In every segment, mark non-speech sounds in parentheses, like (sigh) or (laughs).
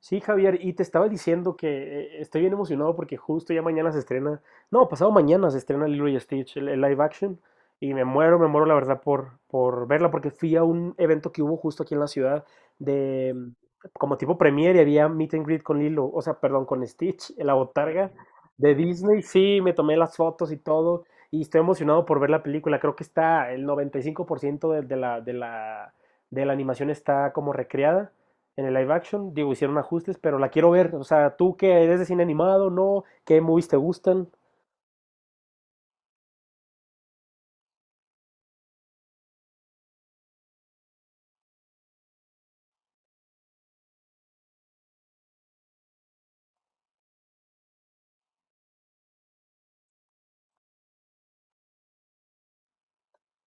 Sí, Javier, y te estaba diciendo que estoy bien emocionado porque justo ya mañana se estrena. No, pasado mañana se estrena Lilo y Stitch, el live action, y me muero la verdad por verla, porque fui a un evento que hubo justo aquí en la ciudad de como tipo premiere y había meet and greet con Lilo, o sea, perdón, con Stitch, en la botarga de Disney, sí, me tomé las fotos y todo, y estoy emocionado por ver la película, creo que está el 95% de la animación está como recreada en el live action. Digo, hicieron ajustes, pero la quiero ver. O sea, tú que eres de cine animado, ¿no? ¿Qué movies te gustan?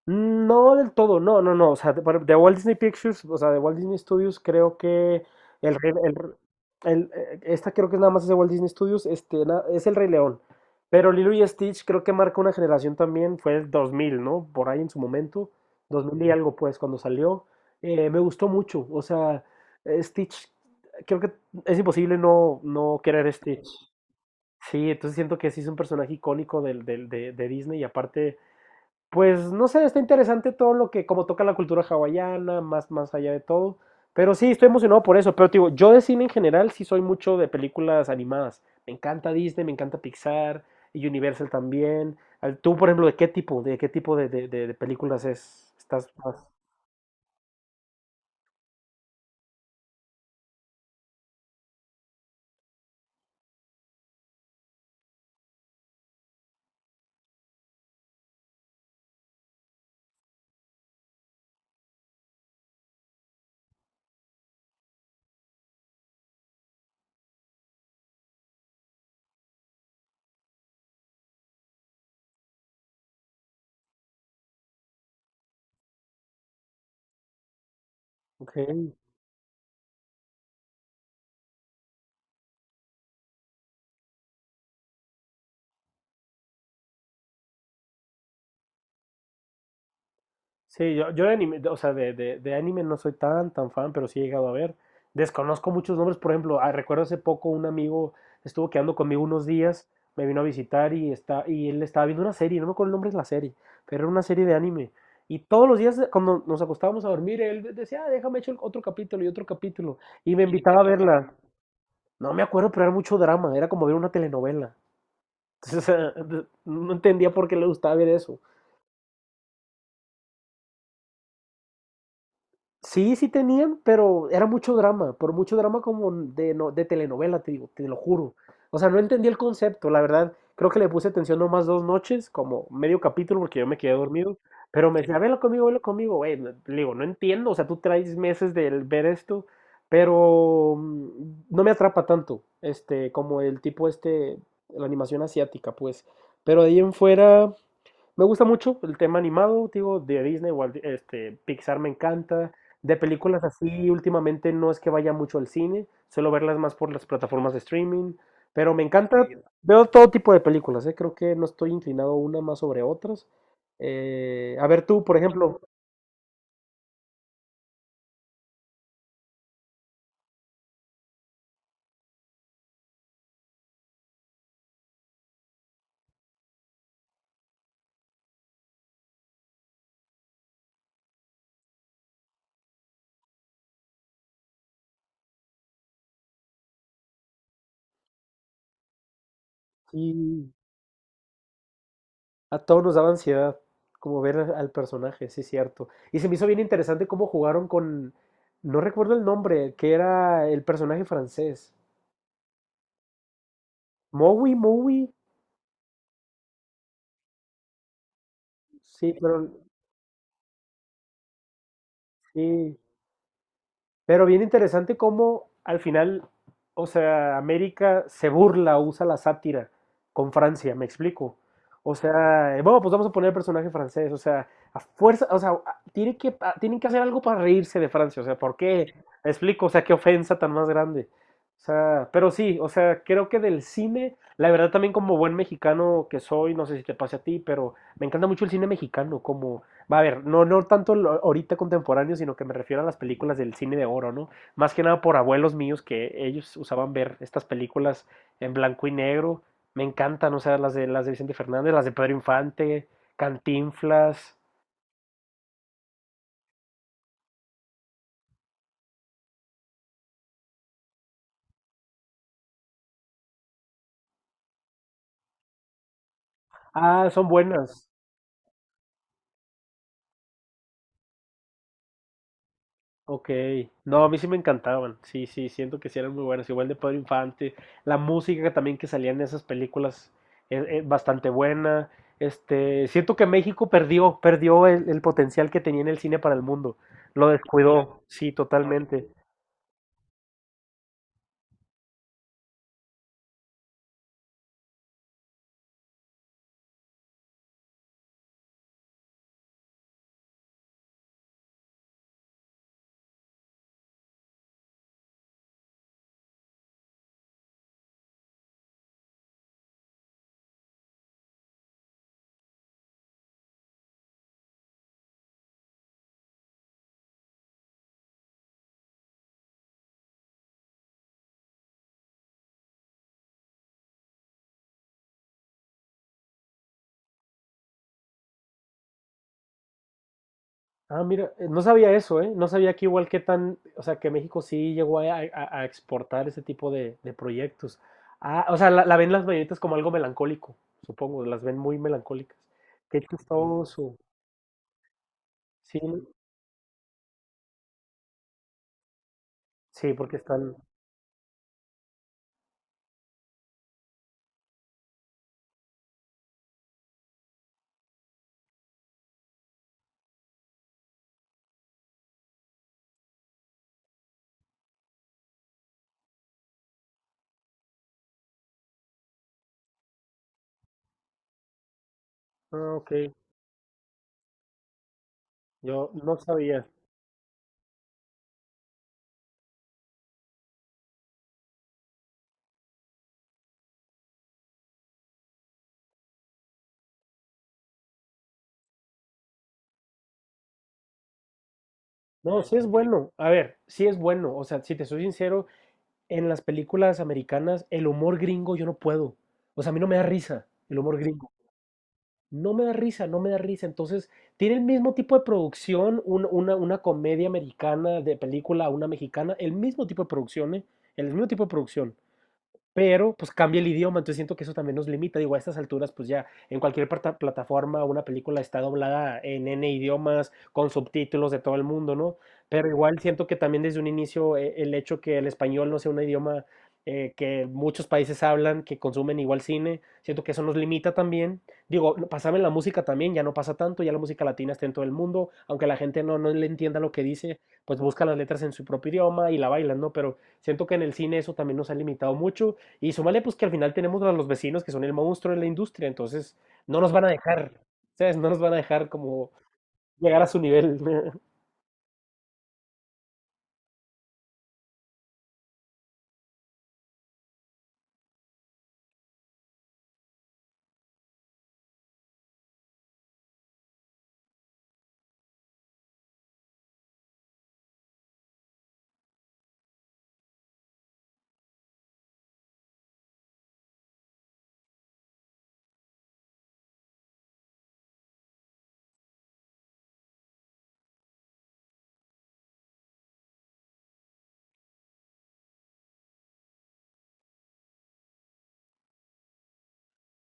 No del todo, no, no, no. O sea, Walt Disney Pictures, o sea, de Walt Disney Studios, creo que el, Rey- el- esta creo que nada más es de Walt Disney Studios, este, na- es El Rey León. Pero Lilo y Stitch creo que marca una generación también, fue el 2000, ¿no? Por ahí en su momento, 2000 y algo pues, cuando salió. Me gustó mucho, o sea, Stitch, creo que es imposible no, no querer Stitch. Sí, entonces siento que sí es un personaje icónico de Disney y aparte, pues no sé, está interesante todo lo que, como toca la cultura hawaiana, más, más allá de todo. Pero sí, estoy emocionado por eso. Pero te digo, yo de cine en general sí soy mucho de películas animadas. Me encanta Disney, me encanta Pixar y Universal también. Al- Tú, por ejemplo, ¿de qué tipo de películas es? Estás más... Ok. Sí, yo de anime, o sea, de anime no soy tan, tan fan, pero sí he llegado a ver. Desconozco muchos nombres, por ejemplo, ah, recuerdo hace poco un amigo estuvo quedando conmigo unos días, me vino a visitar y él estaba viendo una serie, no me acuerdo el nombre de la serie, pero era una serie de anime. Y todos los días cuando nos acostábamos a dormir, él decía, "Ah, déjame echar otro capítulo. Y me invitaba a verla. No me acuerdo, pero era mucho drama, era como ver una telenovela. Entonces, (laughs) no entendía por qué le gustaba ver eso. Sí, sí tenían, pero era mucho drama, por mucho drama como de, no, de telenovela, te digo, te lo juro. O sea, no entendí el concepto, la verdad. Creo que le puse atención nomás dos noches, como medio capítulo, porque yo me quedé dormido. Pero me decía, velo conmigo, güey. No- Le digo, no entiendo, o sea, tú traes meses de ver esto, pero no me atrapa tanto, este, como el tipo este, la animación asiática, pues. Pero de ahí en fuera, me gusta mucho el tema animado, digo, de Disney, igual, este, Pixar me encanta. De películas así, últimamente no es que vaya mucho al cine, suelo verlas más por las plataformas de streaming, pero me encanta, sí, veo todo tipo de películas, ¿eh? Creo que no estoy inclinado una más sobre otras. A ver tú, por ejemplo, y a todos nos daba ansiedad como ver al personaje, sí, cierto. Y se me hizo bien interesante cómo jugaron con, no recuerdo el nombre, que era el personaje francés. Mowi, Mowi. Sí, pero sí, pero bien interesante cómo al final, o sea, América se burla, o usa la sátira con Francia, me explico. O sea, bueno, pues vamos a poner el personaje francés, o sea, a fuerza, o sea, a- tiene que, a- tienen que hacer algo para reírse de Francia, o sea, ¿por qué? Me explico, o sea, qué ofensa tan más grande. O sea, pero sí, o sea, creo que del cine, la verdad también como buen mexicano que soy, no sé si te pase a ti, pero me encanta mucho el cine mexicano, como va a ver, no, no tanto ahorita contemporáneo, sino que me refiero a las películas del cine de oro, ¿no? Más que nada por abuelos míos que ellos usaban ver estas películas en blanco y negro. Me encantan, o sea, las de Vicente Fernández, las de Pedro Infante, Cantinflas. Ah, son buenas. Ok, no, a mí sí me encantaban, sí, sí, siento que sí eran muy buenas, igual de Pedro Infante, la música también que salía en esas películas es bastante buena, este, siento que México perdió, perdió el potencial que tenía en el cine para el mundo, lo descuidó, sí, totalmente. Ah, mira, no sabía eso, ¿eh? No sabía que igual que tan, o sea, que México sí llegó a exportar ese tipo de proyectos. Ah, o sea, la ven las mañanitas como algo melancólico, supongo, las ven muy melancólicas. Qué chistoso. Sí, sí, porque están. Ah, ok. Yo no sabía. No, sí es bueno. A ver, sí es bueno. O sea, si te soy sincero, en las películas americanas, el humor gringo yo no puedo. O sea, a mí no me da risa el humor gringo. No me da risa, no me da risa. Entonces, tiene el mismo tipo de producción, un- una comedia americana de película, una mexicana, el mismo tipo de producciones, el mismo tipo de producción. Pero pues cambia el idioma, entonces siento que eso también nos limita. Digo, a estas alturas, pues ya en cualquier plata- plataforma una película está doblada en N idiomas, con subtítulos de todo el mundo, ¿no? Pero igual siento que también desde un inicio el hecho que el español no sea un idioma que muchos países hablan, que consumen igual cine, siento que eso nos limita también. Digo, no- pasame en la música también, ya no pasa tanto, ya la música latina está en todo el mundo, aunque la gente no, no le entienda lo que dice, pues busca las letras en su propio idioma y la bailan, ¿no? Pero siento que en el cine eso también nos ha limitado mucho. Y súmale, pues que al final tenemos a los vecinos que son el monstruo de la industria, entonces no nos van a dejar, ¿sabes? No nos van a dejar como llegar a su nivel. (laughs)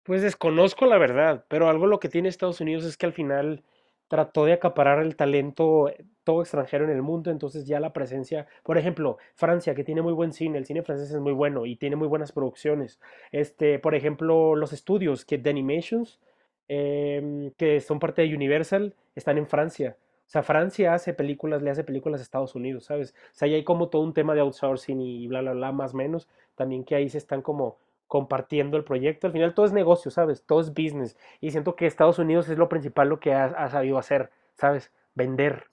Pues desconozco la verdad, pero algo lo que tiene Estados Unidos es que al final trató de acaparar el talento todo extranjero en el mundo, entonces ya la presencia, por ejemplo, Francia, que tiene muy buen cine, el cine francés es muy bueno y tiene muy buenas producciones. Este, por ejemplo, los estudios que de Animations, que son parte de Universal, están en Francia. O sea, Francia hace películas, le hace películas a Estados Unidos, ¿sabes? O sea, ahí hay como todo un tema de outsourcing y bla, bla, bla, más o menos. También que ahí se están como compartiendo el proyecto. Al final todo es negocio, ¿sabes? Todo es business. Y siento que Estados Unidos es lo principal lo que ha, ha sabido hacer, ¿sabes? Vender,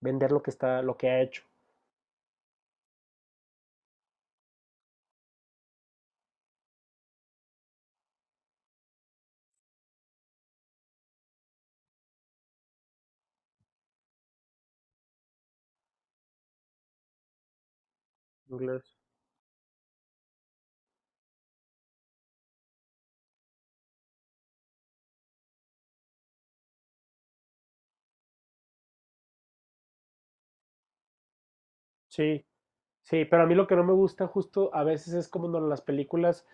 vender lo que está, lo que ha hecho. Inglés. Sí, sí, pero a mí lo que no me gusta justo a veces es como en las películas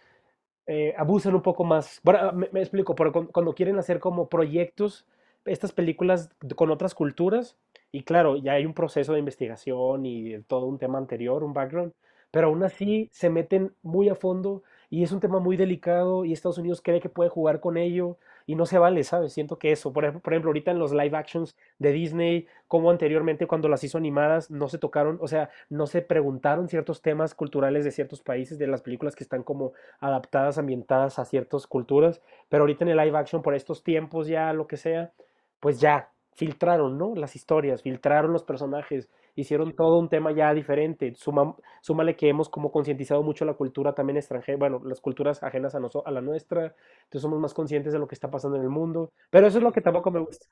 abusan un poco más. Bueno, me explico, pero cu- cuando quieren hacer como proyectos, estas películas con otras culturas, y claro, ya hay un proceso de investigación y todo un tema anterior, un background, pero aún así se meten muy a fondo y es un tema muy delicado y Estados Unidos cree que puede jugar con ello y no se vale, ¿sabes? Siento que eso, por ejemplo, ahorita en los live actions de Disney, como anteriormente cuando las hizo animadas, no se tocaron, o sea, no se preguntaron ciertos temas culturales de ciertos países, de las películas que están como adaptadas, ambientadas a ciertas culturas, pero ahorita en el live action, por estos tiempos ya, lo que sea, pues ya filtraron, ¿no? Las historias, filtraron los personajes, hicieron todo un tema ya diferente. Suma- súmale que hemos como concientizado mucho la cultura también extranjera, bueno, las culturas ajenas a, noso- a la nuestra, entonces somos más conscientes de lo que está pasando en el mundo, pero eso es lo que tampoco me gusta.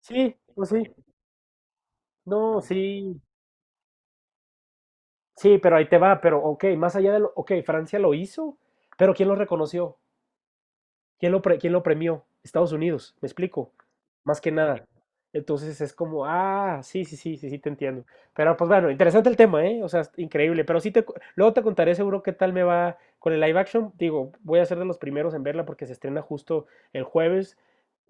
Sí, pues sí, no, sí, sí, pero ahí te va, pero ok, más allá de lo, ok, Francia lo hizo, pero ¿quién lo reconoció? ¿Quién lo, pre- quién lo premió? Estados Unidos, me explico, más que nada. Entonces es como, ah, sí, sí, sí, sí, sí, te entiendo. Pero pues bueno, interesante el tema, ¿eh? O sea, es increíble. Pero sí, te, cu- luego te contaré seguro qué tal me va con el live action. Digo, voy a ser de los primeros en verla porque se estrena justo el jueves.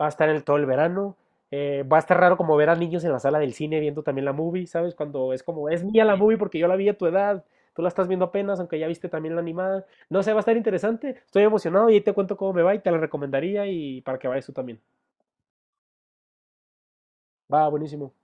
Va a estar en el, todo el verano. Va a estar raro como ver a niños en la sala del cine viendo también la movie, ¿sabes? Cuando es como, es mía la movie porque yo la vi a tu edad, tú la estás viendo apenas, aunque ya viste también la animada. No sé, va a estar interesante. Estoy emocionado y ahí te cuento cómo me va y te la recomendaría y para que vayas tú también. Va, buenísimo.